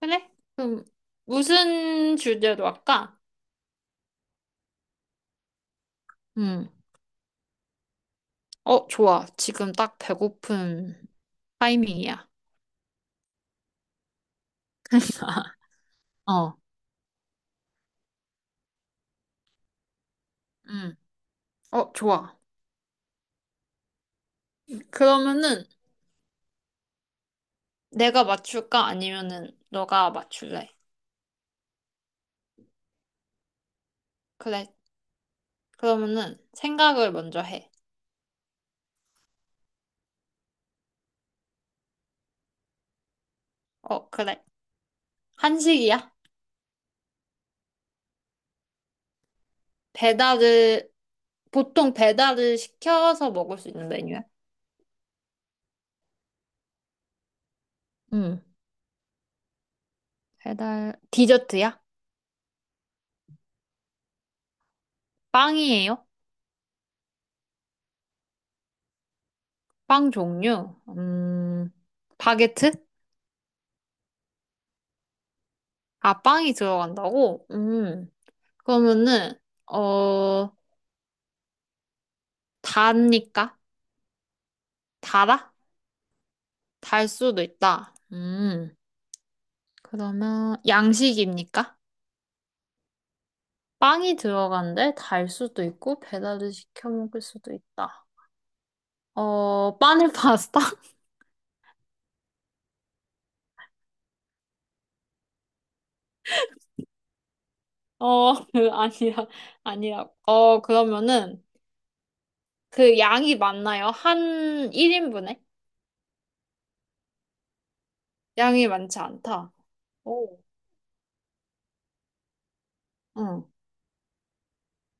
그래? 그럼 무슨 주제로 할까? 음. 어, 좋아. 지금 딱 배고픈 타이밍이야. 어. 음. 어, 좋아. 그러면은 내가 맞출까? 아니면은 너가 맞출래? 그래. 그러면은 생각을 먼저 해. 어, 그래. 한식이야? 배달을 보통 배달을 시켜서 먹을 수 있는 메뉴야? 음. 배달 디저트야? 빵이에요? 빵 종류? 음. 바게트? 아, 빵이 들어간다고? 음. 그러면은, 어, 답니까? 달아? 달 수도 있다. 음. 그러면, 양식입니까? 빵이 들어간데 달 수도 있고, 배달을 시켜 먹을 수도 있다. 어, 바늘 파스타? 어, 그, 아니라, 아니라. 어, 그러면은, 그 양이 많나요? 한 1인분에? 양이 많지 않다. 오. 응.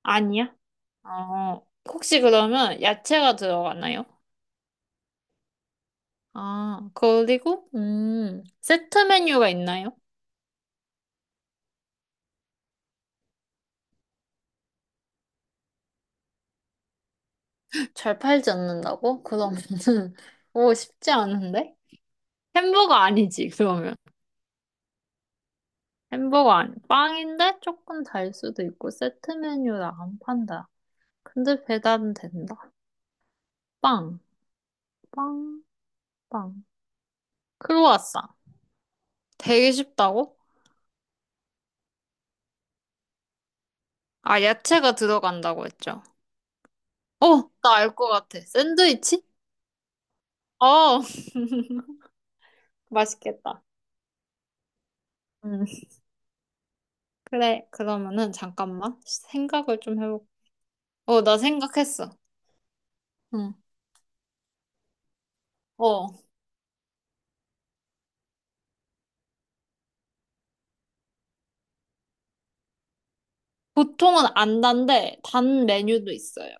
아니야? 어, 혹시 그러면 야채가 들어가나요? 아, 그리고, 세트 메뉴가 있나요? 잘 팔지 않는다고? 그러면은, 오, 쉽지 않은데? 햄버거 아니지, 그러면. 햄버거 아니, 빵인데 조금 달 수도 있고, 세트 메뉴라 안 판다. 근데 배달은 된다. 빵, 빵, 빵. 크로와상. 되게 쉽다고? 아, 야채가 들어간다고 했죠. 어, 나 알 것 같아. 샌드위치? 어, 맛있겠다. 음. 그래, 그러면은 잠깐만. 생각을 좀 해볼게. 어, 나 생각했어. 응. 어. 보통은 안 단데 단 메뉴도 있어요.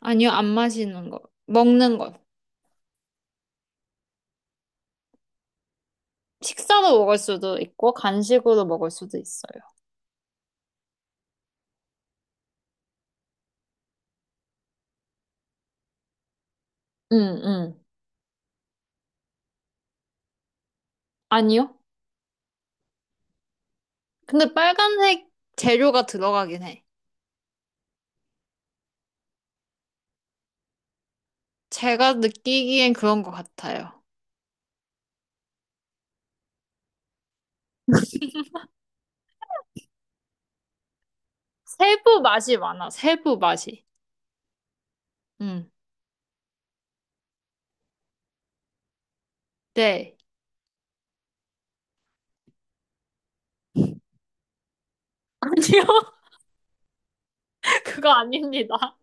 아니요, 안 마시는 거. 먹는 거. 식사로 먹을 수도 있고 간식으로 먹을 수도 있어요. 응, 응. 아니요. 근데 빨간색 재료가 들어가긴 해. 제가 느끼기엔 그런 것 같아요. 세부 맛이 많아. 세부 맛이. 응. 네. 아니요. 그거 아닙니다.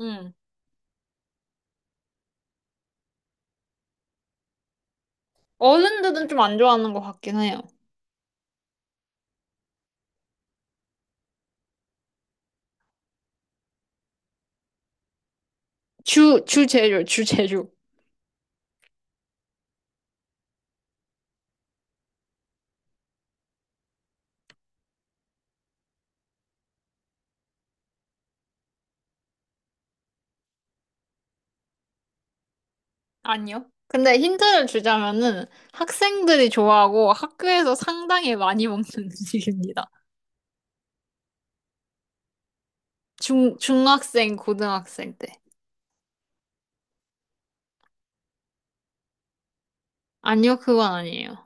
응. 어른들은 좀 안 좋아하는 것 같긴 해요. 주 재료. 아니요. 근데 힌트를 주자면은 학생들이 좋아하고 학교에서 상당히 많이 먹는 음식입니다. 중학생, 고등학생 때. 아니요, 그건 아니에요.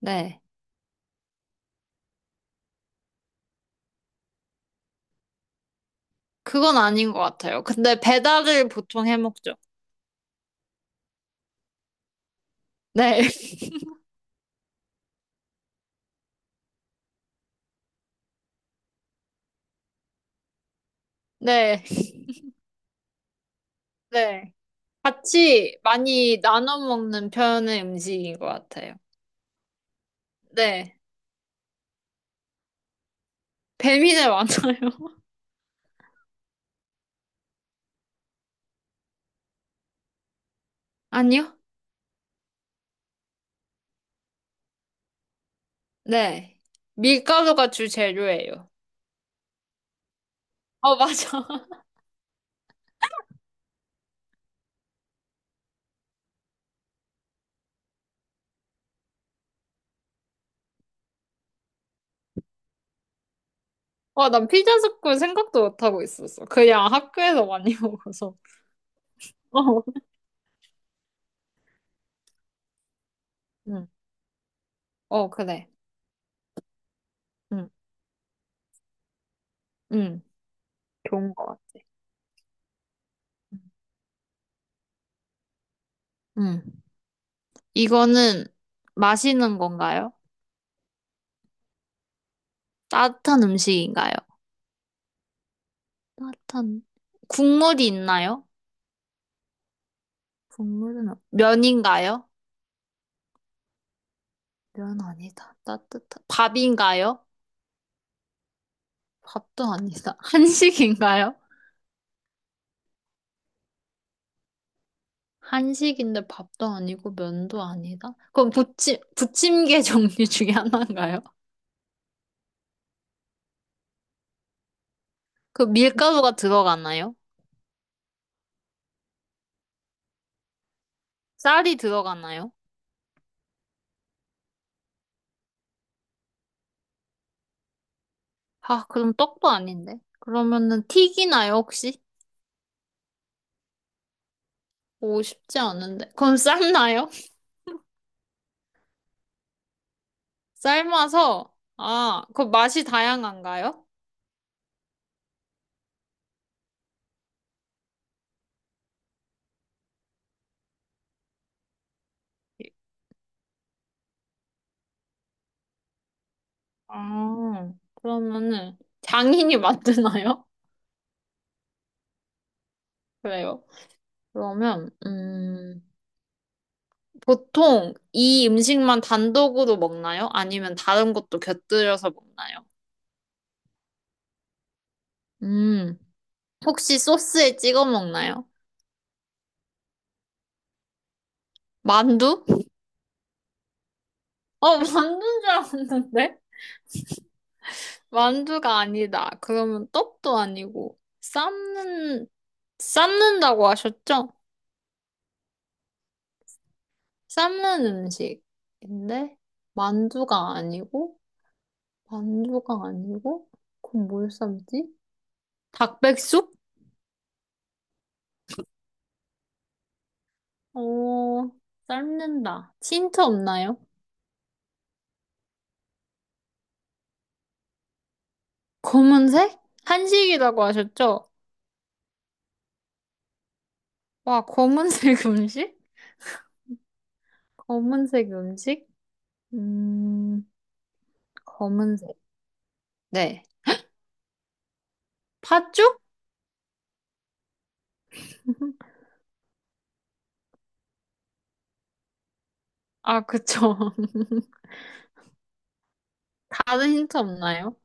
네. 그건 아닌 것 같아요. 근데 배달을 보통 해 먹죠. 네. 네. 네. 같이 많이 나눠 먹는 편의 음식인 것 같아요. 네. 배민에 많아요. 아니요? 네. 밀가루가 주재료예요. 어, 맞아. 와, 난 피자 스쿨 생각도 못하고 있었어. 그냥 학교에서 많이 먹어서. 어, 응. 어, 그래. 응, 응. 좋은 것 같아. 응. 이거는 마시는 건가요? 따뜻한 음식인가요? 따뜻한, 국물이 있나요? 국물은, 없- 면인가요? 면 아니다. 따뜻한, 밥인가요? 밥도 아니다. 한식인가요? 한식인데 밥도 아니고 면도 아니다? 그럼 부침개 종류 중에 하나인가요? 그 밀가루가 들어가나요? 쌀이 들어가나요? 아, 그럼 떡도 아닌데. 그러면은 튀기나요, 혹시? 오, 쉽지 않은데. 그럼 삶나요? 삶아서, 아, 그 맛이 다양한가요? 아, 그러면은 장인이 만드나요? 그래요. 그러면, 보통 이 음식만 단독으로 먹나요? 아니면 다른 것도 곁들여서 먹나요? 음, 혹시 소스에 찍어 먹나요? 만두? 어, 만두인 줄 알았는데? 만두가 아니다. 그러면 떡도 아니고, 삶는, 삶는다고 하셨죠? 삶는 음식인데, 만두가 아니고, 만두가 아니고, 그럼 뭘 삶지? 닭백숙? 어, 삶는다. 힌트 없나요? 검은색? 한식이라고 하셨죠? 와, 검은색 음식? 검은색 음식? 음, 검은색. 네. 팥죽? 아, 그쵸. 다른 힌트 없나요?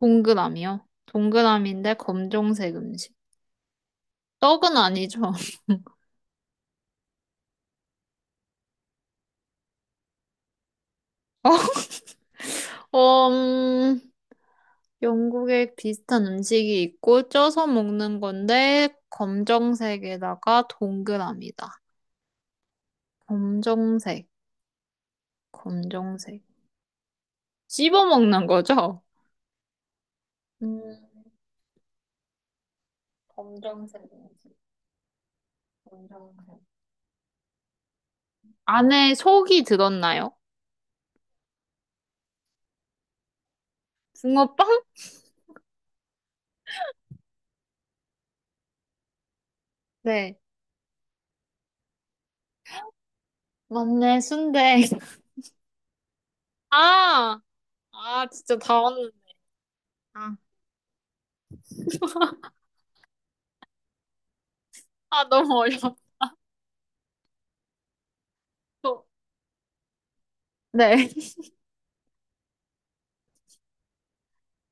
동그라미요. 동그라미인데 검정색 음식. 떡은 아니죠. 어, 영국에 비슷한 음식이 있고 쪄서 먹는 건데 검정색에다가 동그라미다. 검정색, 검정색. 씹어 먹는 거죠? 음, 검정색 음식, 검정색. 안에 속이 들었나요? 붕어빵? 네. 맞네, 순대. 아! 아, 진짜 다 왔는데. 아, 아, 너무 어려워. 네.